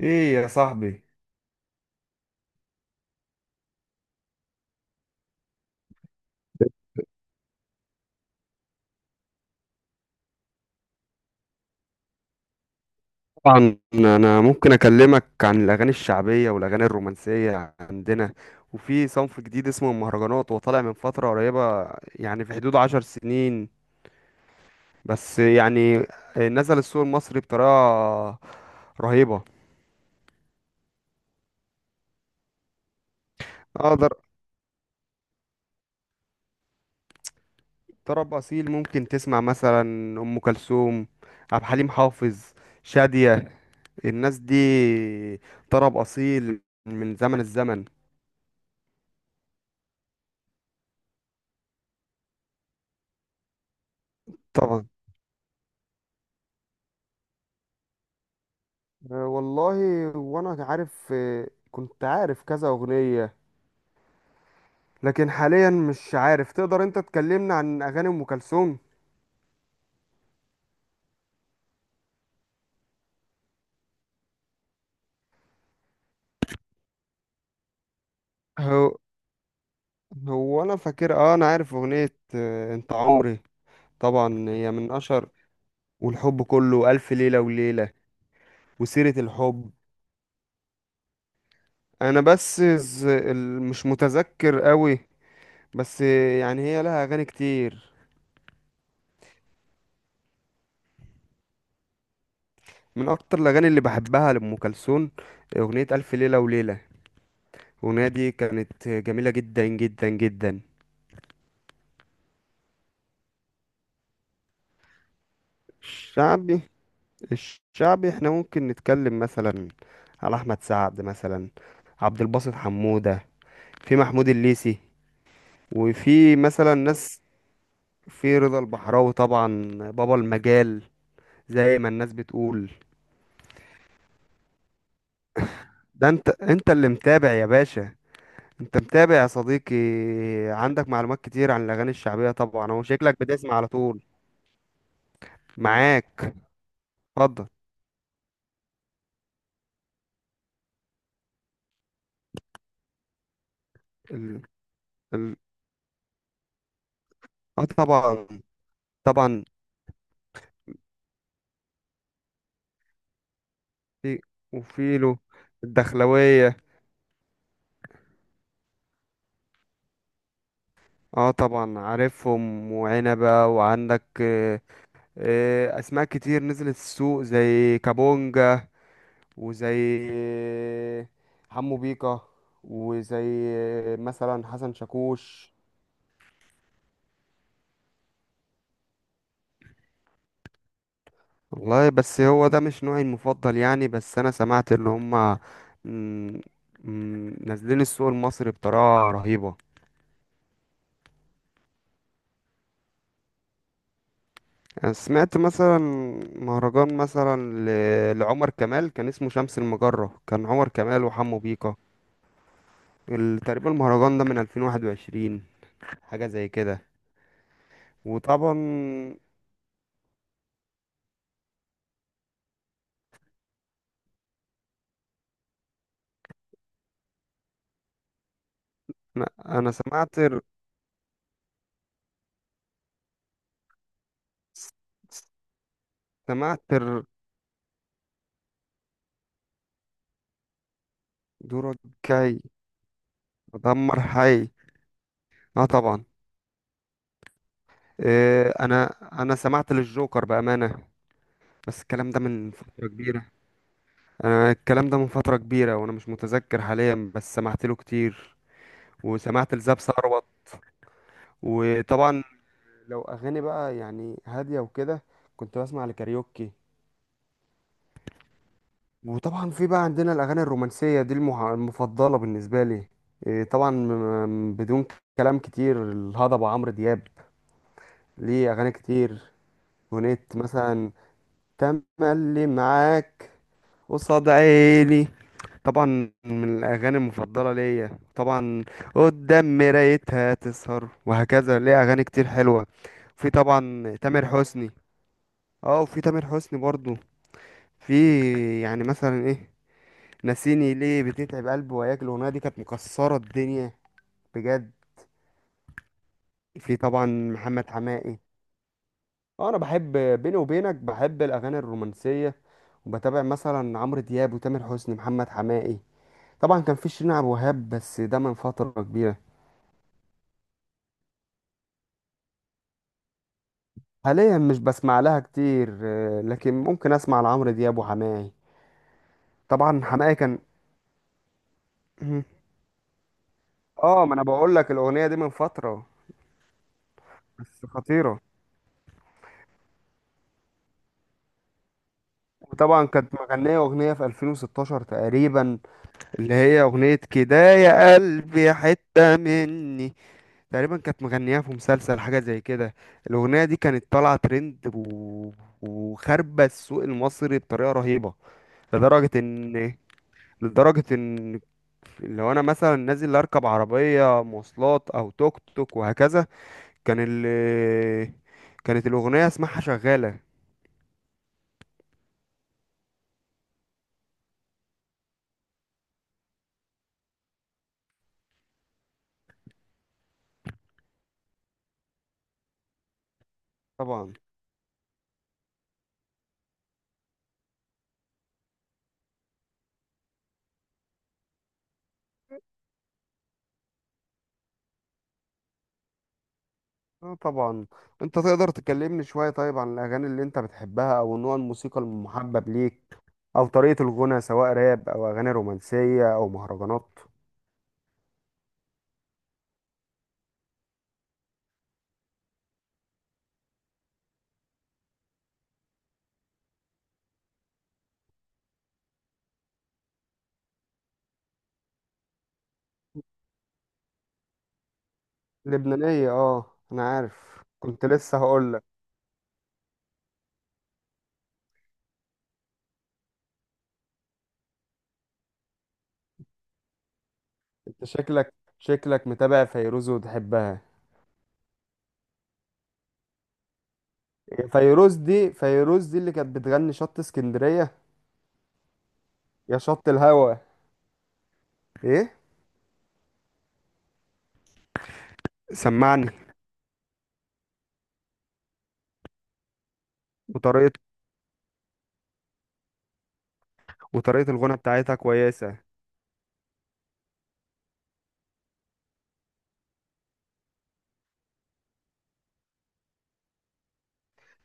ايه يا صاحبي. طبعا انا ممكن اكلمك عن الاغاني الشعبيه والاغاني الرومانسيه عندنا، وفي صنف جديد اسمه المهرجانات وطالع من فتره قريبه، يعني في حدود 10 سنين. بس يعني نزل السوق المصري بطريقه رهيبه. اقدر. طرب اصيل ممكن تسمع مثلا ام كلثوم، عبد الحليم حافظ، شاديه. الناس دي طرب اصيل من زمن الزمن. طبعا. أه والله. وانا عارف، أه، كنت عارف كذا اغنية، لكن حاليا مش عارف. تقدر انت تكلمنا عن اغاني ام كلثوم؟ هو هو انا فاكر. اه انا عارف اغنية انت عمري. طبعا هي من اشهر. والحب كله، الف ليلة وليلة، وسيرة الحب. انا بس مش متذكر قوي. بس يعني هي لها اغاني كتير. من اكتر الاغاني اللي بحبها لام كلثوم اغنية الف ليلة وليلة. الأغنية دي كانت جميلة جدا جدا جدا. الشعبي، الشعبي احنا ممكن نتكلم مثلا على احمد سعد مثلا، عبد الباسط حمودة، في محمود الليثي، وفي مثلا ناس، في رضا البحراوي طبعا. بابا المجال زي ما الناس بتقول. ده انت اللي متابع يا باشا، انت متابع يا صديقي. عندك معلومات كتير عن الاغاني الشعبية، طبعا هو شكلك بتسمع على طول. معاك. اتفضل. ال... ال... اه طبعا. طبعا في وفيلو، الدخلوية. اه طبعا عارفهم وعنبة، وعندك اسماء كتير نزلت السوق زي كابونجا، وزي حمو بيكا، وزي مثلا حسن شاكوش. والله بس هو ده مش نوعي المفضل يعني. بس انا سمعت ان هما، مم، نازلين السوق المصري بطريقة رهيبة. انا سمعت مثلا مهرجان مثلا لعمر كمال، كان اسمه شمس المجرة، كان عمر كمال وحمو بيكا. تقريبا المهرجان ده من 2021، حاجة زي كده. وطبعا انا سمعت ال- دورك جاي، ادمر حي. اه طبعا. إيه، انا انا سمعت للجوكر بأمانة، بس الكلام ده من فترة كبيرة. انا الكلام ده من فترة كبيرة وانا مش متذكر حاليا، بس سمعت له كتير، وسمعت لزاب ثروت. وطبعا لو اغاني بقى يعني هاديه وكده، كنت بسمع لكاريوكي. وطبعا في بقى عندنا الاغاني الرومانسيه دي المفضله بالنسبه لي. إيه طبعا بدون كلام كتير، الهضبه عمرو دياب ليه اغاني كتير. اغنيه مثلا تملي معاك، قصاد عيني، طبعا من الاغاني المفضله ليا، طبعا قدام مرايتها تسهر، وهكذا. ليه اغاني كتير حلوه. في طبعا تامر حسني. اه وفي تامر حسني برضو، في يعني مثلا ايه، نسيني ليه، بتتعب قلبي، وياك، الاغنيه دي كانت مكسره الدنيا بجد. في طبعا محمد حماقي. اه انا بحب، بيني وبينك بحب الاغاني الرومانسيه، وبتابع مثلا عمرو دياب وتامر حسني محمد حماقي. طبعا كان في شيرين عبد الوهاب بس ده من فتره كبيره. حاليا مش بسمع لها كتير، لكن ممكن اسمع لعمرو دياب وحماقي. طبعا حماقي كان. اه ما انا بقول لك الاغنيه دي من فتره، بس خطيره. وطبعا كانت مغنية أغنية في 2016 تقريبا، اللي هي أغنية كده يا قلبي حتة مني، تقريبا كانت مغنياها في مسلسل حاجة زي كده. الأغنية دي كانت طالعة ترند وخاربة السوق المصري بطريقة رهيبة. لدرجة إن لدرجة إن لو أنا مثلا نازل أركب عربية مواصلات أو توك توك وهكذا، كان ال... كانت الأغنية اسمعها شغالة. طبعا، اه طبعا. انت تقدر تكلمني شوية طيب عن الاغاني اللي انت بتحبها، او نوع الموسيقى المحبب ليك، او طريقة الغنى سواء راب او اغاني رومانسية او مهرجانات؟ لبنانية، اه انا عارف كنت لسه هقولك. انت شكلك متابع فيروز وتحبها. إيه، فيروز دي اللي كانت بتغني شط اسكندرية، يا شط الهوا. ايه. سمعني. وطريقة وطريقة الغنى بتاعتها كويسة.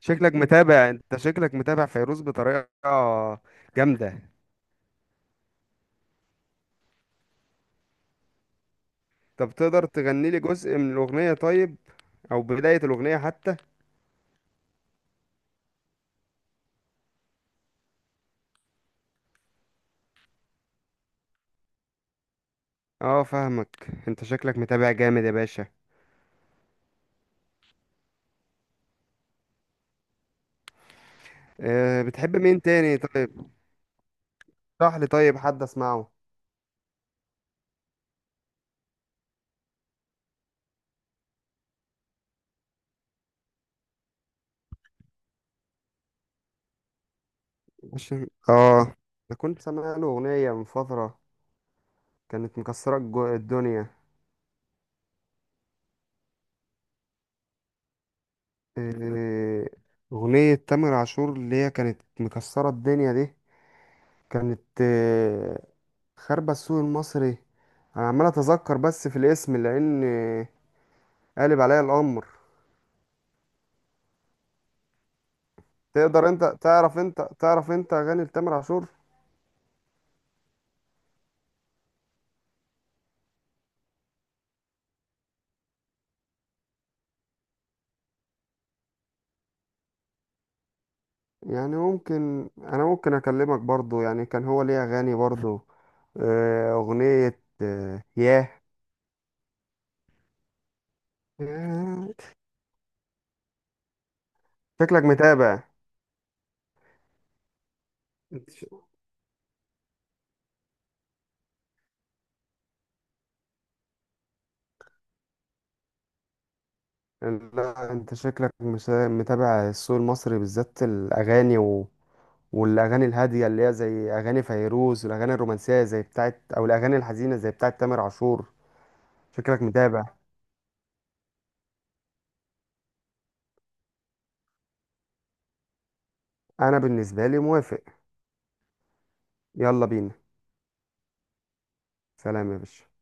شكلك متابع، انت شكلك متابع فيروز بطريقة جامدة. طب تقدر تغني لي جزء من الأغنية طيب، أو بداية الأغنية حتى؟ اه فاهمك، انت شكلك متابع جامد يا باشا. أه بتحب مين تاني طيب؟ اشرح لي طيب حد اسمعه. عشان اه، انا كنت سامع له أغنية من فترة كانت مكسرة الدنيا. آه، أغنية تامر عاشور اللي هي كانت مكسرة الدنيا دي كانت، خاربة السوق المصري. أنا عمال أتذكر بس في الاسم، لأن قالب عليا الأمر. تقدر انت تعرف اغاني لتامر عاشور؟ يعني انا ممكن اكلمك برضو، يعني كان هو ليه اغاني برضو. اغنية، ياه. ياه. شكلك متابع. انت ش- لا انت شكلك مش متابع السوق المصري بالذات الاغاني والاغاني الهادية اللي هي زي اغاني فيروز، والاغاني الرومانسية زي بتاعت، او الاغاني الحزينة زي بتاعت تامر عاشور. شكلك متابع. انا بالنسبة لي موافق. يلا بينا. سلام يا باشا.